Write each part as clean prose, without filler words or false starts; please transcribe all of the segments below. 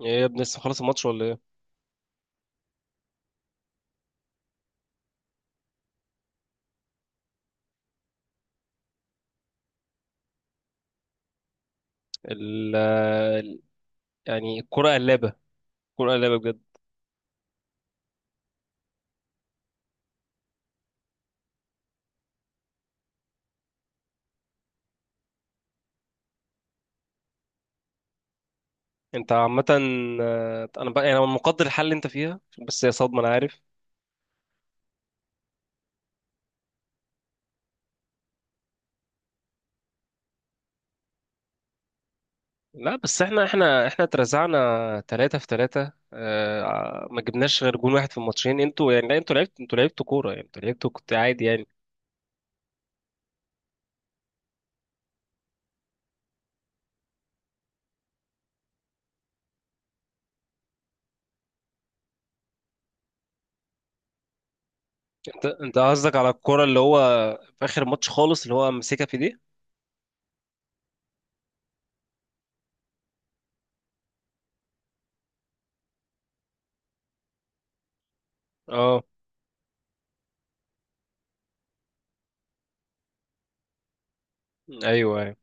ايه يا ابني لسه خلاص الماتش ولا ايه؟ ال ال- يعني الكرة قلابة. الكرة قلابة بجد. انت عامة، انا بقى مقدر الحل اللي انت فيها. بس هي صدمة، انا عارف. لا بس احنا اترزعنا 3-3، ما جبناش غير جون واحد في الماتشين. انتوا يعني لا، انتوا لعبتوا كورة يعني، انتوا لعبتوا كنت عادي يعني. انت قصدك على الكورة اللي هو في اخر الماتش خالص، اللي هو ماسكها في دي؟ اه، ايوه ايوه.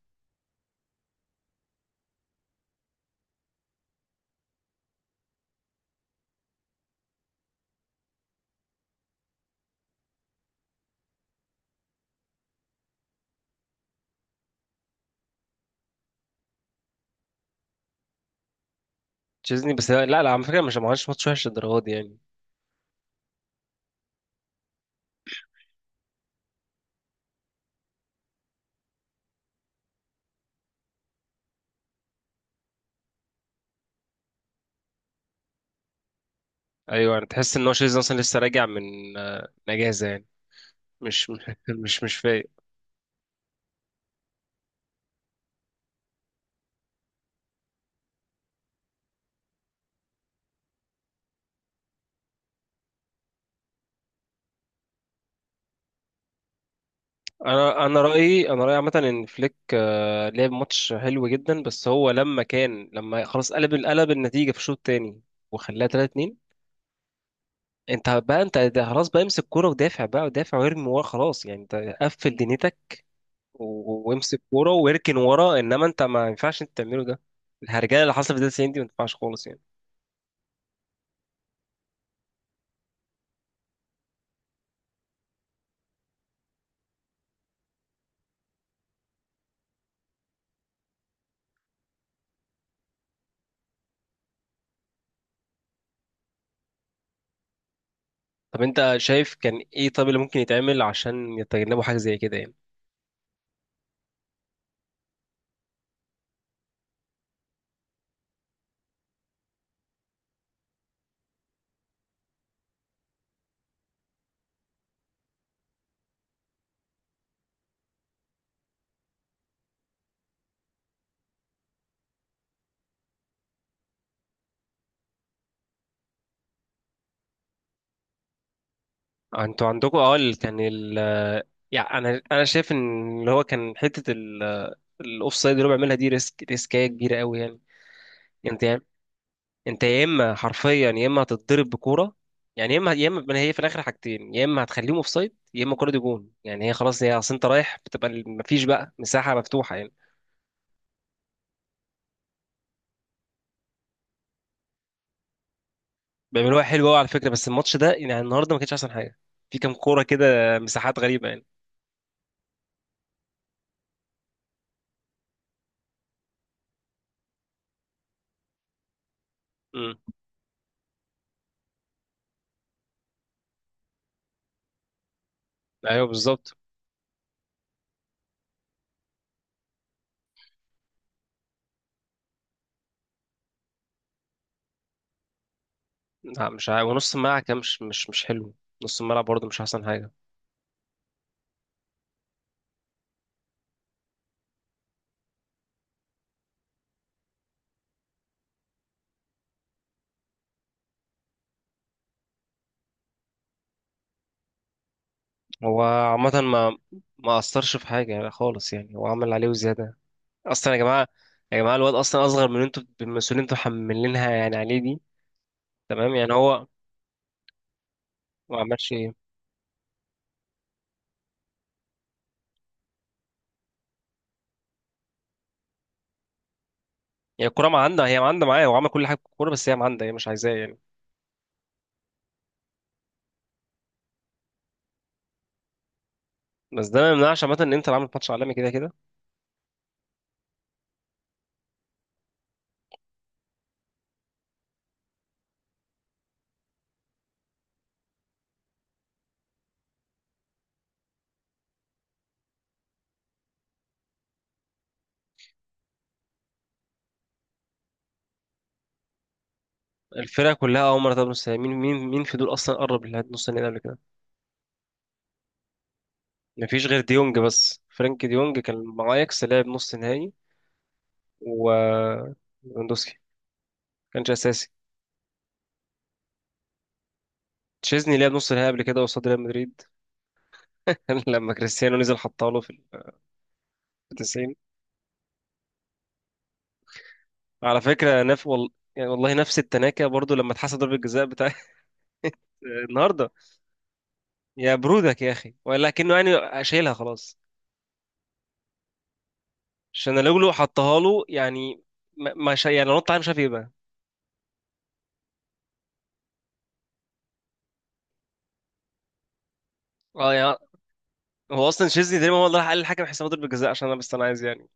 تشيزني، بس لا لا، على فكرة مش ما عملش ماتش وحش للدرجة دي يعني. ايوه يعني، تحس ان هو شيزن اصلا لسه راجع من اجازه يعني. مش مش فايق. انا رايي عامه ان فليك لعب ماتش حلو جدا، بس هو لما خلاص قلب النتيجه في الشوط الثاني وخلاها 3-2. انت بقى انت ده خلاص بقى امسك كوره ودافع بقى ودافع وارمي ورا خلاص يعني. انت قفل دنيتك وامسك كوره واركن ورا، انما انت ما ينفعش انت تعمله ده. الهرجله اللي حصلت في الدقيقه 90 دي ما ينفعش خالص يعني. طب انت شايف كان ايه؟ طب اللي ممكن يتعمل عشان يتجنبوا حاجه زي كده يعني؟ انتوا عندكم اه، ال- كان ال يعني انا شايف ان اللي هو كان حته الاوف سايد اللي هو بيعملها دي ريسكايه كبيره قوي يعني. انت يا- انت يا اما حرفيا يا اما هتتضرب بكوره، يعني يا اما ما هي في الاخر حاجتين، يا اما هتخليهم اوف سايد يا اما الكوره دي جون يعني، هي خلاص، هي اصل انت رايح بتبقى مفيش بقى مساحه مفتوحه يعني. بيعملوها حلوه قوي على فكره، بس الماتش ده يعني النهارده ما كانش احسن حاجه. في كام كوره كده مساحات غريبه يعني. امم ايوه بالظبط. لا مش عارف، ونص الملعب كان مش حلو. نص الملعب برضه مش احسن حاجه. هو عامه ما اثرش في حاجه يعني خالص، يعني هو عمل عليه وزياده اصلا. يا جماعه، يا جماعه الواد اصلا اصغر من اللي انتوا المسؤولين انتوا حملينها يعني عليه دي. تمام يعني هو ما عملش ايه؟ هي الكوره ما عندها، هي ما عندها معايا، هو عمل كل حاجه في الكوره بس هي ما عندها، هي مش عايزاه يعني. بس ده ما يمنعش عامه ان انت اللي عامل ماتش عالمي كده كده. الفرقه كلها اول مره تقابل نص نهائي. مين في دول اصلا قرب لنص النهائي قبل كده؟ مفيش غير ديونج، بس فرانك ديونج كان مع اياكس لعب نص نهائي. وليفاندوسكي كانش اساسي. تشيزني لعب نص نهائي قبل كده قصاد ريال مدريد لما كريستيانو نزل حطها له في ال 90. على فكره يعني والله نفس التناكه برضو لما اتحسب ضربه الجزاء بتاع. النهارده يا برودك يا اخي، ولكنه يعني شايلها خلاص. عشان لو حطها له يعني، ما ما شا... يعني نط عليه مش عارف ايه بقى. اه يعني، هو اصلا تشيزني تقريبا هو اللي راح قال للحكم حساب ضربه الجزاء، عشان انا بس انا عايز يعني،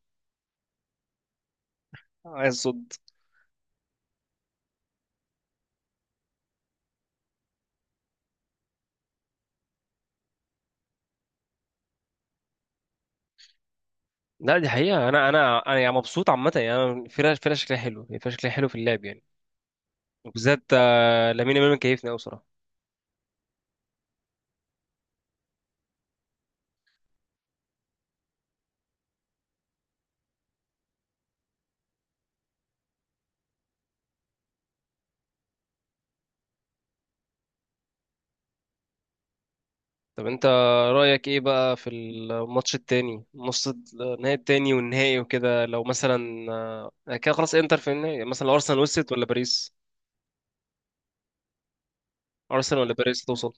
عايز صد. لا دي حقيقة، أنا يعني مبسوط عامة، يعني أنا الفرقة شكلها حلو، الفرقة شكلها حلو في اللعب يعني. وبالذات لامين يامال مكيفني قوي بصراحه. طب انت رايك ايه بقى في الماتش التاني، نص النهائي التاني والنهائي وكده؟ لو مثلا كده خلاص انتر في النهائي مثلا، لو ارسنال وصلت ولا باريس؟ ارسنال ولا باريس توصل؟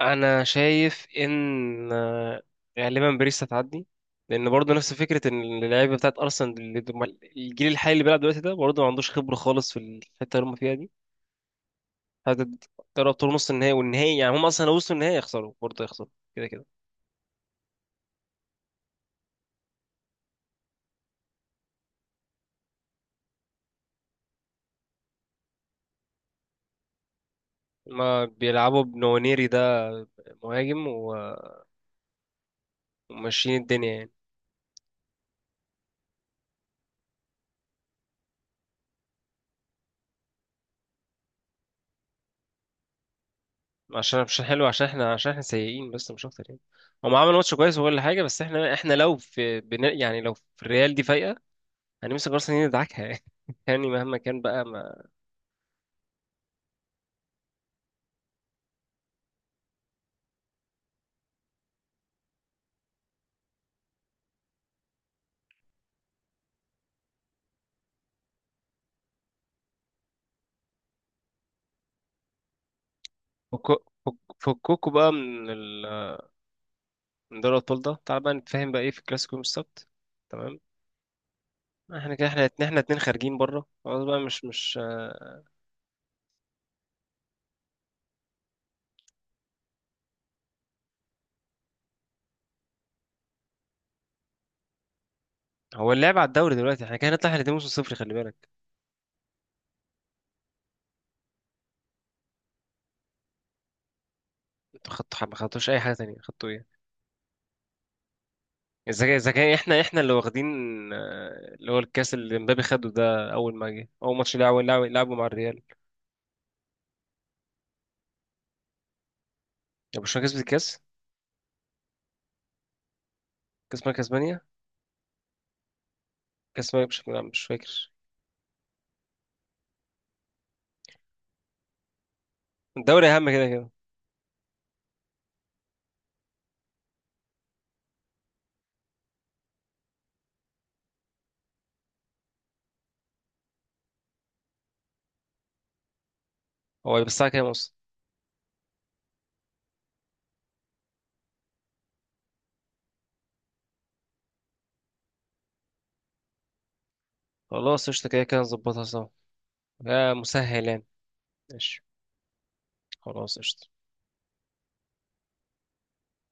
انا شايف ان غالبا باريس هتعدي، لان برضه نفس فكره، ان اللعيبه بتاعت ارسنال الجيل الحالي اللي بيلعب دلوقتي ده برضه ما عندوش خبره خالص في الحته اللي هم فيها دي. هتقرب طول نص النهائي والنهائي، يعني هم اصلا لو وصلوا النهائي يخسروا برضه، يخسروا كده كده. ما بيلعبوا بنونيري ده مهاجم وماشيين الدنيا يعني. عشان مش حلو، عشان احنا، عشان احنا سيئين بس مش اكتر يعني. هم عملوا ماتش كويس وكل حاجه، بس احنا لو في بنا يعني، لو في الريال دي فايقه، هنمسك ارسنال ندعكها يعني. يعني مهما كان بقى ما. فكوكوا بقى من ال... من دوري الابطال ده. تعال بقى نتفاهم بقى، ايه في الكلاسيكو يوم السبت؟ تمام. احنا كده، احنا اتنين، احنا اتنين خارجين بره خلاص بقى مش. هو اللعب على الدوري دلوقتي احنا كده هنطلع احنا الاتنين موسم صفر، خلي بالك. انتوا خدتوا، ما خدتوش اي حاجه تانية، خدتوا ايه؟ اذا كان احنا اللي واخدين اللي هو الكاس اللي مبابي خده ده، اول ما جه اول ماتش لعبه، لعبه مع الريال. يعني برشلونه كسبت الكاس؟ كاس ملك اسبانيا. كاس ملك، مش، لا، مش فاكر. الدوري اهم كده كده. هو الساعه كام اصلا؟ خلاص قشطه، كده كده نظبطها سوا، يا مسهل يعني. ماشي، خلاص قشطه